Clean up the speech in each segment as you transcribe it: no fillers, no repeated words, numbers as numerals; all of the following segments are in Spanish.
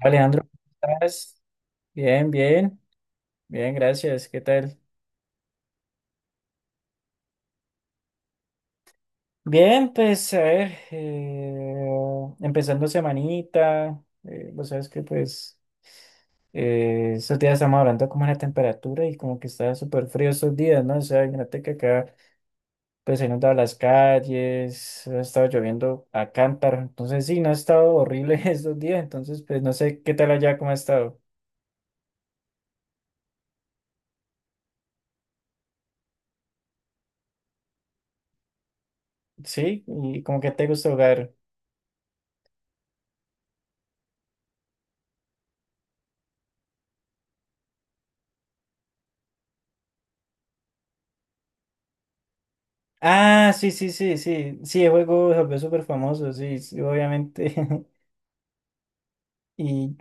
Alejandro, ¿cómo estás? Bien, bien, bien, gracias. ¿Qué tal? Bien, pues a ver, empezando semanita, vos sabes que pues estos días estamos hablando como de la temperatura y como que está súper frío estos días, ¿no? O sea, imagínate que acá pues se han inundado las calles, ha estado lloviendo a cántaro, entonces sí, no ha estado horrible estos días, entonces pues no sé qué tal allá, cómo ha estado. Sí, y como que te gusta jugar. Ah, sí, sí, sí, sí. Sí, el juego se volvió súper famoso, sí, sí, obviamente. Y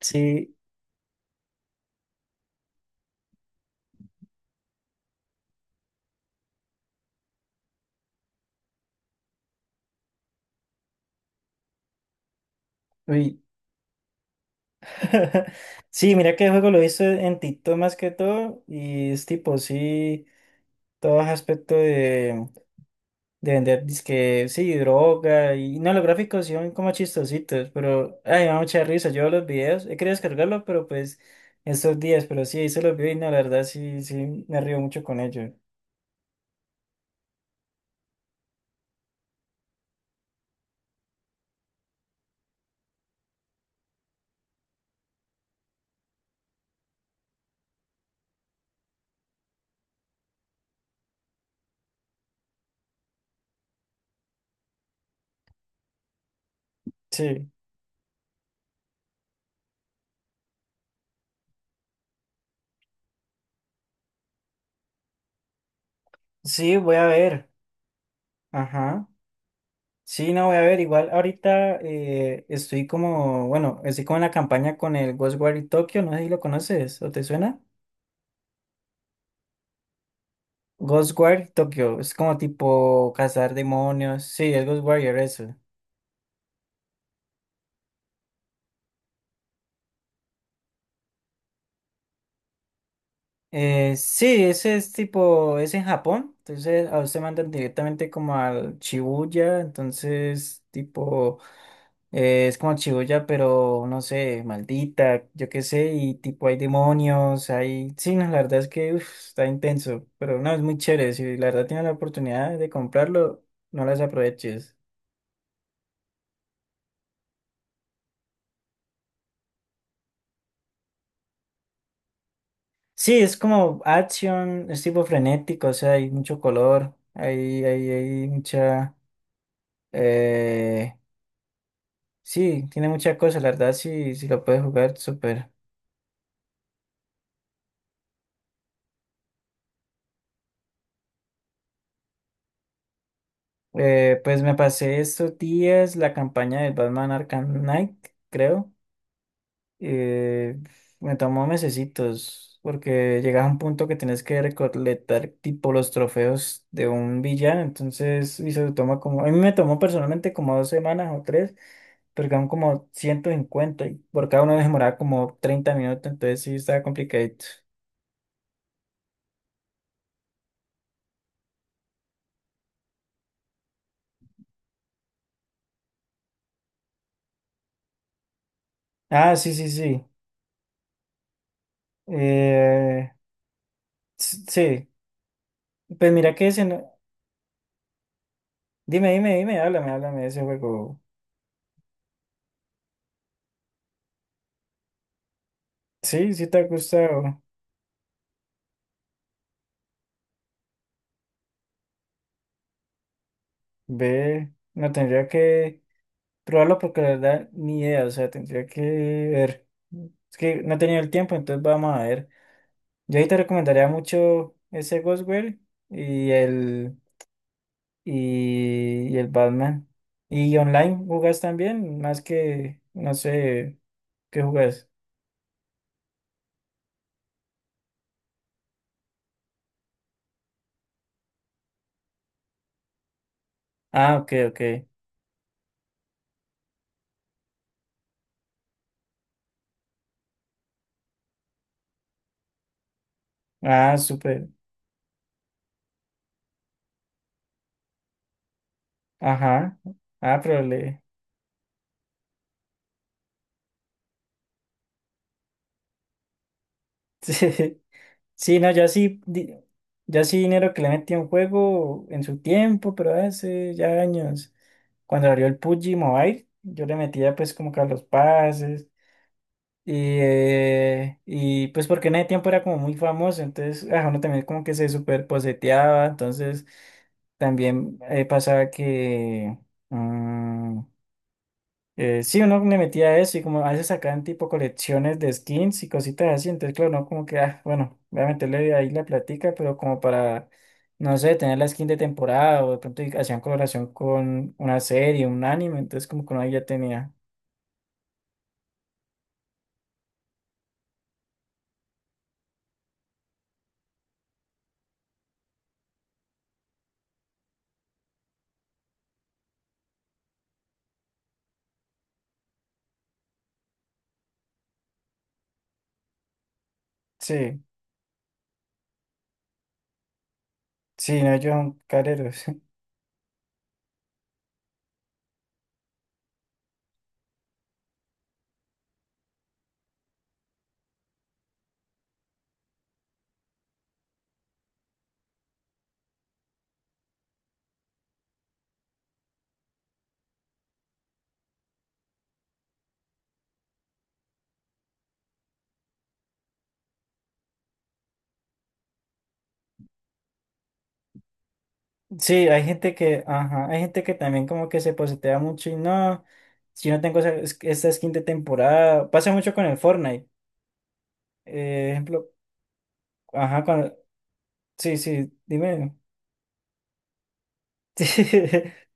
sí, uy. Sí, mira que el juego lo hizo en TikTok más que todo. Y es tipo, sí, todo ese aspecto de vender disque, sí, droga. Y no, los gráficos sí son como chistositos, pero ay, me da mucha risa. Yo los videos, he querido descargarlo, pero pues estos días, pero sí, hice los videos y no, la verdad sí, sí, me río mucho con ellos. Sí, sí, voy a ver. Ajá. Sí, no, voy a ver, igual ahorita estoy como, bueno, estoy como en la campaña con el Ghostwire Tokyo, no sé si lo conoces o te suena. Ghostwire Tokyo, es como tipo cazar demonios, sí, es Ghostwire eso. Sí, ese es tipo, es en Japón, entonces a usted mandan directamente como al Shibuya, entonces tipo, es como Shibuya, pero no sé, maldita, yo qué sé, y tipo hay demonios, hay, sí, no, la verdad es que uf, está intenso, pero no, es muy chévere, si la verdad tienes la oportunidad de comprarlo, no las aproveches. Sí, es como acción, es tipo frenético, o sea, hay mucho color, hay mucha. eh, Sí, tiene muchas cosas, la verdad, sí, sí lo puedes jugar, súper. Pues me pasé estos días la campaña del Batman Arkham Knight, creo. Eh, Me tomó mesecitos, porque llegas a un punto que tienes que recolectar tipo los trofeos de un villano, entonces, y se toma como, a mí me tomó personalmente como 2 semanas o 3, pero quedaron como 150 y por cada uno demoraba como 30 minutos, entonces sí estaba complicadito. Ah, sí, sí, sí. Eh, Sí, pues mira que ese no. Dime, dime, dime, háblame, háblame de ese juego. Sí, sí te ha gustado. Ve, no tendría que probarlo porque la verdad ni idea, o sea, tendría que ver. Es que no he tenido el tiempo, entonces vamos a ver. Yo ahí te recomendaría mucho ese Ghostwire y el y el Batman. ¿Y online jugás también? Más que, no sé, ¿qué jugás? Ah, ok, ok. Ah, súper. Ajá. Ah, pero le. Sí, sí, no, yo sí dinero que le metí a un juego en su tiempo, pero hace ya años, cuando abrió el PUBG Mobile, yo le metía pues como que a los pases y, y pues porque en ese tiempo era como muy famoso, entonces ah, uno también como que se super poseteaba, entonces también pasaba que. mm, sí, uno le metía a eso y como a veces sacaban tipo colecciones de skins y cositas así, entonces claro, no como que, ah, bueno, voy a meterle ahí la platica, pero como para, no sé, tener la skin de temporada o de pronto y hacían colaboración con una serie, un anime, entonces como que uno ahí ya tenía. Sí, sí, no, yo son careros. Sí, hay gente que, ajá, hay gente que también como que se posetea mucho y no, si no tengo esa, esta skin de temporada, pasa mucho con el Fortnite, ejemplo, ajá, cuando, sí, sí, dime.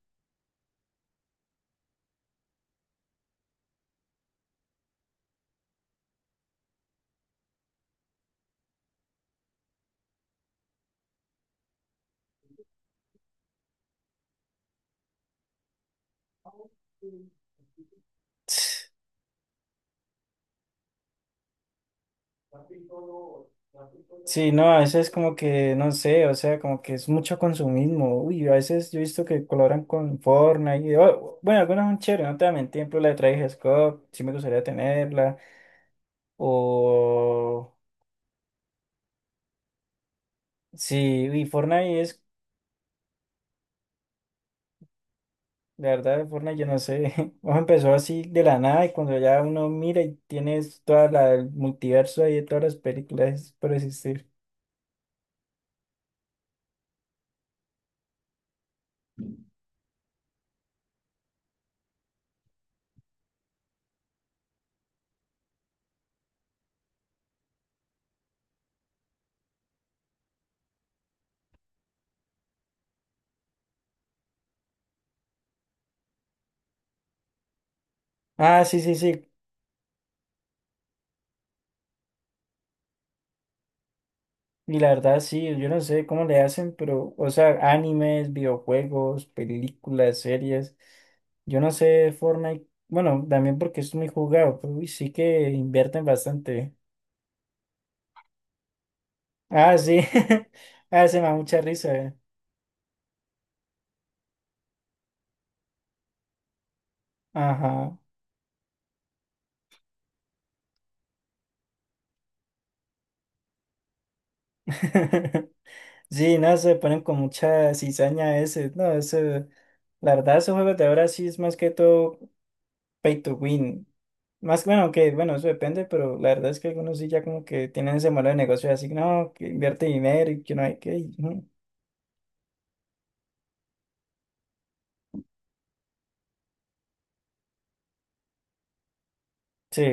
Sí, no, a veces como que, no sé, o sea, como que es mucho consumismo. Uy, a veces yo he visto que colaboran con Fortnite. Y, oh, bueno, algunas son chéveres, no te voy a mentir, por ejemplo, la de Travis Scott, sí me gustaría tenerla. O sí, y Fortnite es, la verdad, Fortnite yo no sé. Ojo, empezó así de la nada y cuando ya uno mira y tienes toda la el multiverso ahí de todas las películas por existir. Ah, sí, sí, sí, y la verdad, sí, yo no sé cómo le hacen, pero, o sea, animes, videojuegos, películas, series, yo no sé Fortnite, bueno, también porque es muy jugado, pero uy, sí que invierten bastante. Ah, sí, ah, se me da mucha risa. Ajá. Sí, no, se ponen con mucha cizaña ese, no, ese la verdad, esos juegos de ahora sí es más que todo pay to win. Más bueno, que bueno, eso depende, pero la verdad es que algunos sí ya como que tienen ese modelo de negocio así, no, que invierte dinero y que no hay que. Ujú. Sí,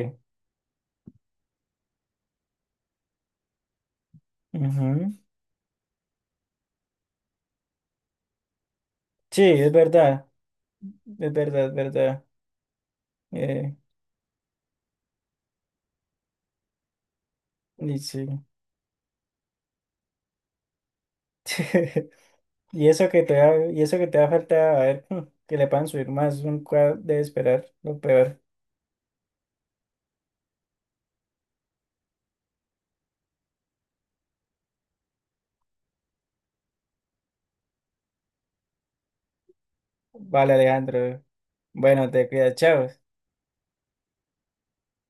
ujú. Sí, es verdad, es verdad, es verdad. Eh, y sí. Y eso que te va, y eso que te va a faltar, a ver, que le puedan subir más, nunca debe esperar lo peor. Vale, Alejandro. Bueno, te cuidas, chao.